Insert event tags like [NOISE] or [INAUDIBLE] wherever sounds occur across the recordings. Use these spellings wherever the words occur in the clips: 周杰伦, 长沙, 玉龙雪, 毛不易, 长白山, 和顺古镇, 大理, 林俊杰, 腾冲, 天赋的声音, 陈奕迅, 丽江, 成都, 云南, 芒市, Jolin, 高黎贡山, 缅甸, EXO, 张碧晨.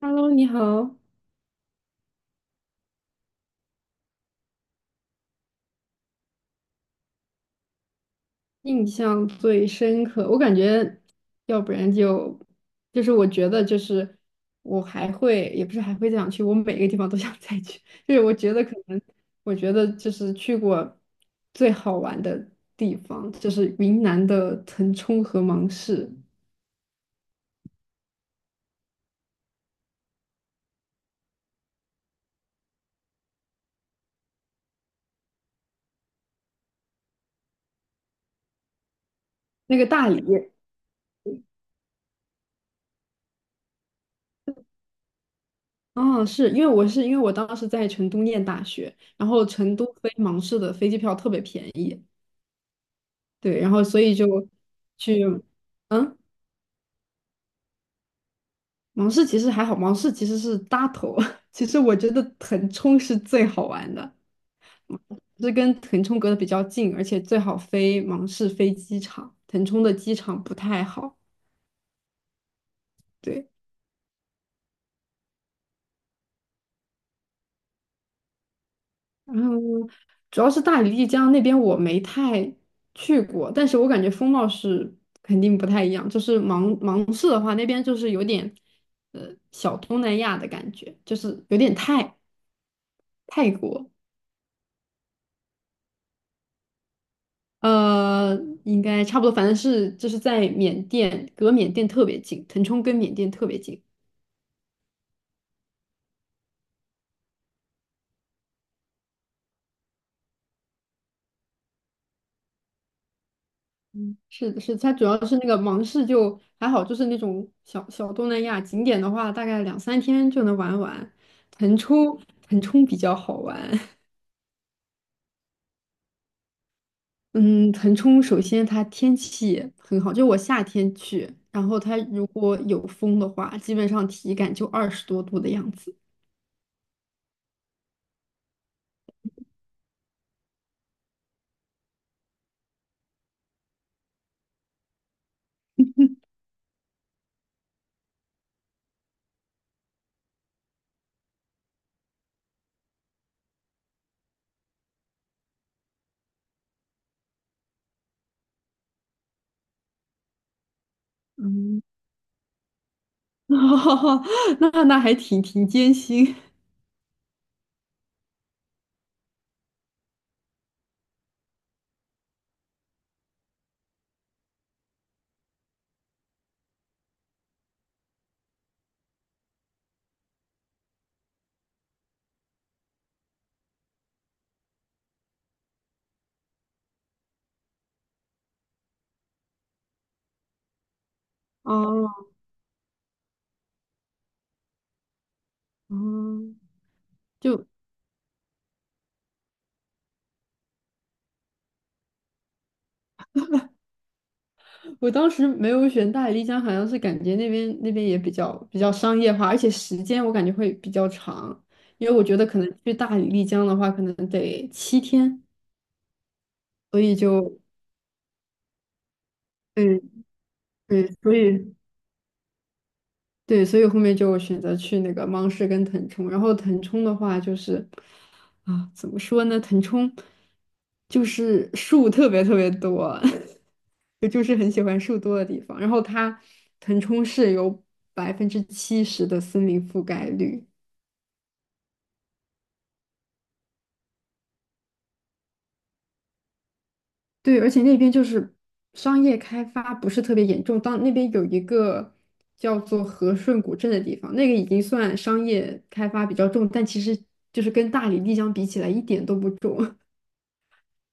Hello，你好。印象最深刻，我感觉，要不然就，就是我觉得我还会，也不是还会这样去，我每个地方都想再去。就是我觉得可能，我觉得就是去过最好玩的地方，就是云南的腾冲和芒市，那个大理。哦，是因为我当时在成都念大学，然后成都飞芒市的飞机票特别便宜。对，然后所以就去，嗯。芒市其实还好，芒市其实是大头。[LAUGHS] 其实我觉得腾冲是最好玩的，是跟腾冲隔得比较近，而且最好飞芒市飞机场，腾冲的机场不太好。对，然后主要是大理、丽江那边我没太去过，但是我感觉风貌是肯定不太一样。就是芒市的话，那边就是有点小东南亚的感觉，就是有点泰国。呃，应该差不多，反正是就是在缅甸，隔缅甸特别近，腾冲跟缅甸特别近。嗯，是的，是的，它主要是那个芒市就还好，就是那种小东南亚景点的话，大概两三天就能玩完。腾冲，腾冲比较好玩。[LAUGHS] 嗯，腾冲首先它天气很好，就我夏天去，然后它如果有风的话，基本上体感就20多度的样子。嗯，[LAUGHS] 那还挺艰辛。哦，哦，就我当时没有选大理丽江，好像是感觉那边也比较商业化，而且时间我感觉会比较长，因为我觉得可能去大理丽江的话，可能得7天，所以就嗯对，所以对，所以后面就选择去那个芒市跟腾冲。然后腾冲的话就是啊，怎么说呢，腾冲就是树特别特别多。[LAUGHS] 我就是很喜欢树多的地方。然后腾冲市有70%的森林覆盖率。对，而且那边就是商业开发不是特别严重。当那边有一个叫做和顺古镇的地方，那个已经算商业开发比较重，但其实就是跟大理、丽江比起来一点都不重。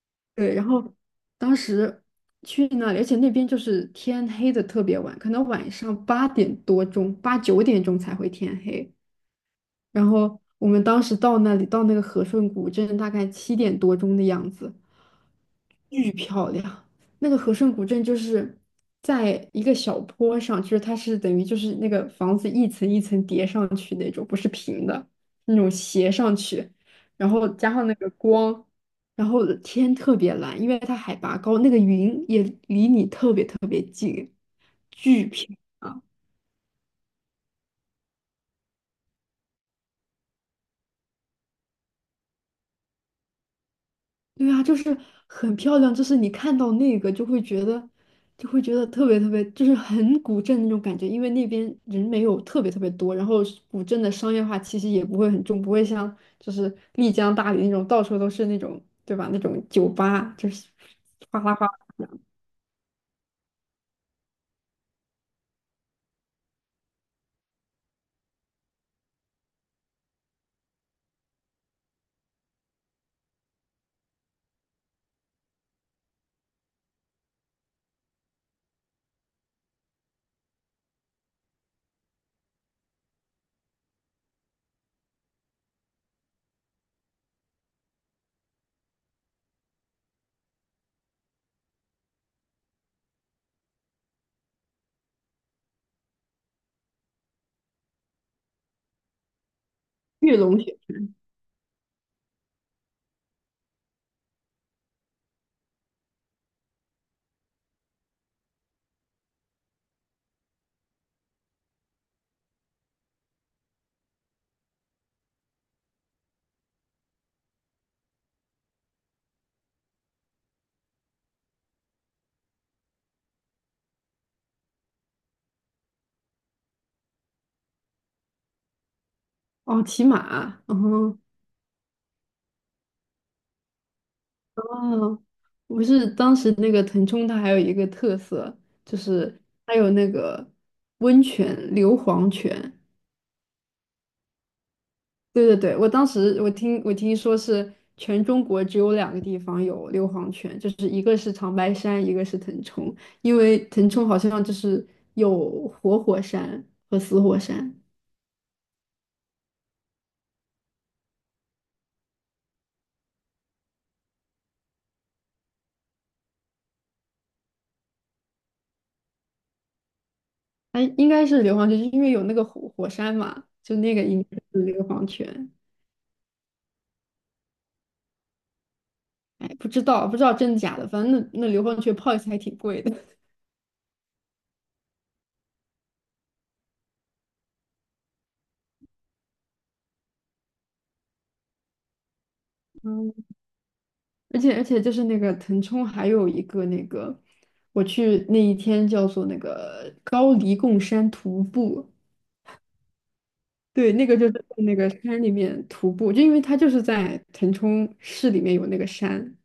[LAUGHS] 对，然后当时去那里，而且那边就是天黑的特别晚，可能晚上8点多钟、八九点钟才会天黑。然后我们当时到那里，到那个和顺古镇，大概7点多钟的样子，巨漂亮。那个和顺古镇就是在一个小坡上，就是它是等于就是那个房子一层一层叠上去那种，不是平的，那种斜上去，然后加上那个光，然后天特别蓝，因为它海拔高，那个云也离你特别特别近，巨漂亮。对啊，就是很漂亮，就是你看到那个就会觉得特别特别，就是很古镇那种感觉，因为那边人没有特别特别多，然后是古镇的商业化气息也不会很重，不会像就是丽江、大理那种到处都是那种，对吧？那种酒吧就是哗啦哗啦这样。玉龙雪。哦，骑马，嗯。哦，不是当时那个腾冲，它还有一个特色就是它有那个温泉硫磺泉。对对对，我当时我听说是全中国只有两个地方有硫磺泉，就是一个是长白山，一个是腾冲，因为腾冲好像就是有活火山和死火山。哎，应该是硫磺泉，就是因为有那个火山嘛，就那个应该是硫磺泉。哎，不知道真的假的，反正那硫磺泉泡一次还挺贵的。[LAUGHS] 嗯，而且就是那个腾冲还有一个那个，我去那一天叫做那个高黎贡山徒步。对，那个就是在那个山里面徒步，就因为它就是在腾冲市里面有那个山。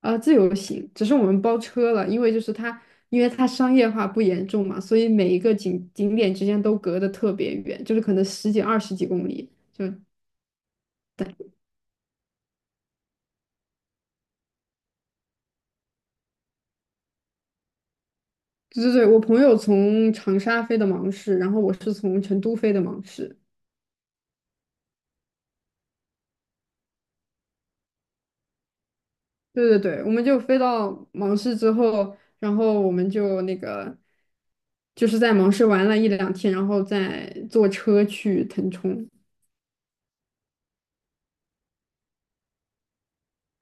啊，自由行，只是我们包车了，因为它商业化不严重嘛，所以每一个景点之间都隔得特别远，就是可能十几、二十几公里。对对对，我朋友从长沙飞的芒市，然后我是从成都飞的芒市。对对对，我们就飞到芒市之后，然后我们就那个，就是在芒市玩了一两天，然后再坐车去腾冲。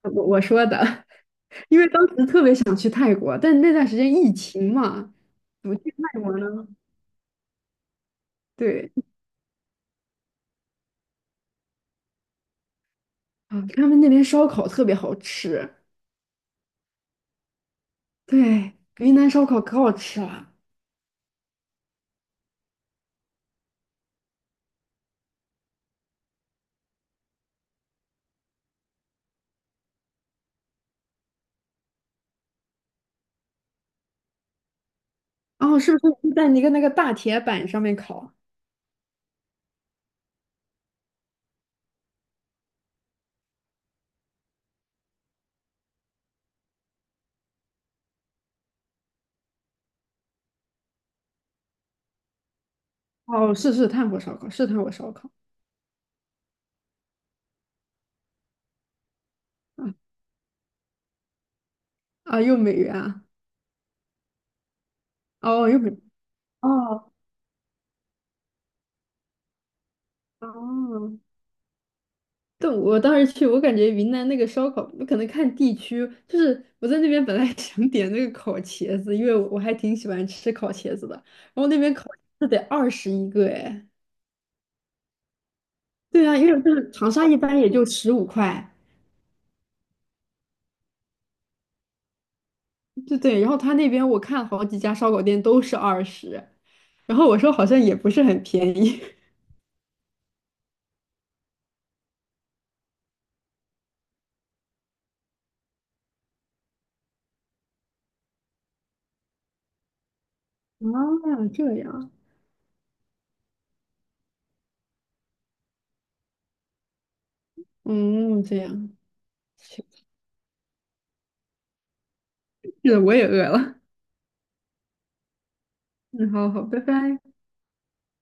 我说的。[LAUGHS] 因为当时特别想去泰国，但那段时间疫情嘛，怎么去泰国呢？对啊，他们那边烧烤特别好吃。对，云南烧烤可好吃了。哦，是不是在一个那个大铁板上面烤？哦，是炭火烧烤，是炭火烧烤啊。啊，又美元啊，哦又美。哦，哦，但我当时去，我感觉云南那个烧烤，可能看地区，就是我在那边本来 [LAUGHS] 想点那个烤茄子，因为我还挺喜欢吃烤茄子的，然后那边烤茄子得二十一个哎。对啊，因为就是长沙一般也就15块。对对，然后他那边我看好几家烧烤店都是二十，然后我说好像也不是很便宜。[LAUGHS] 啊，这样。嗯，这样，是的，我也饿了。嗯，好好，拜拜。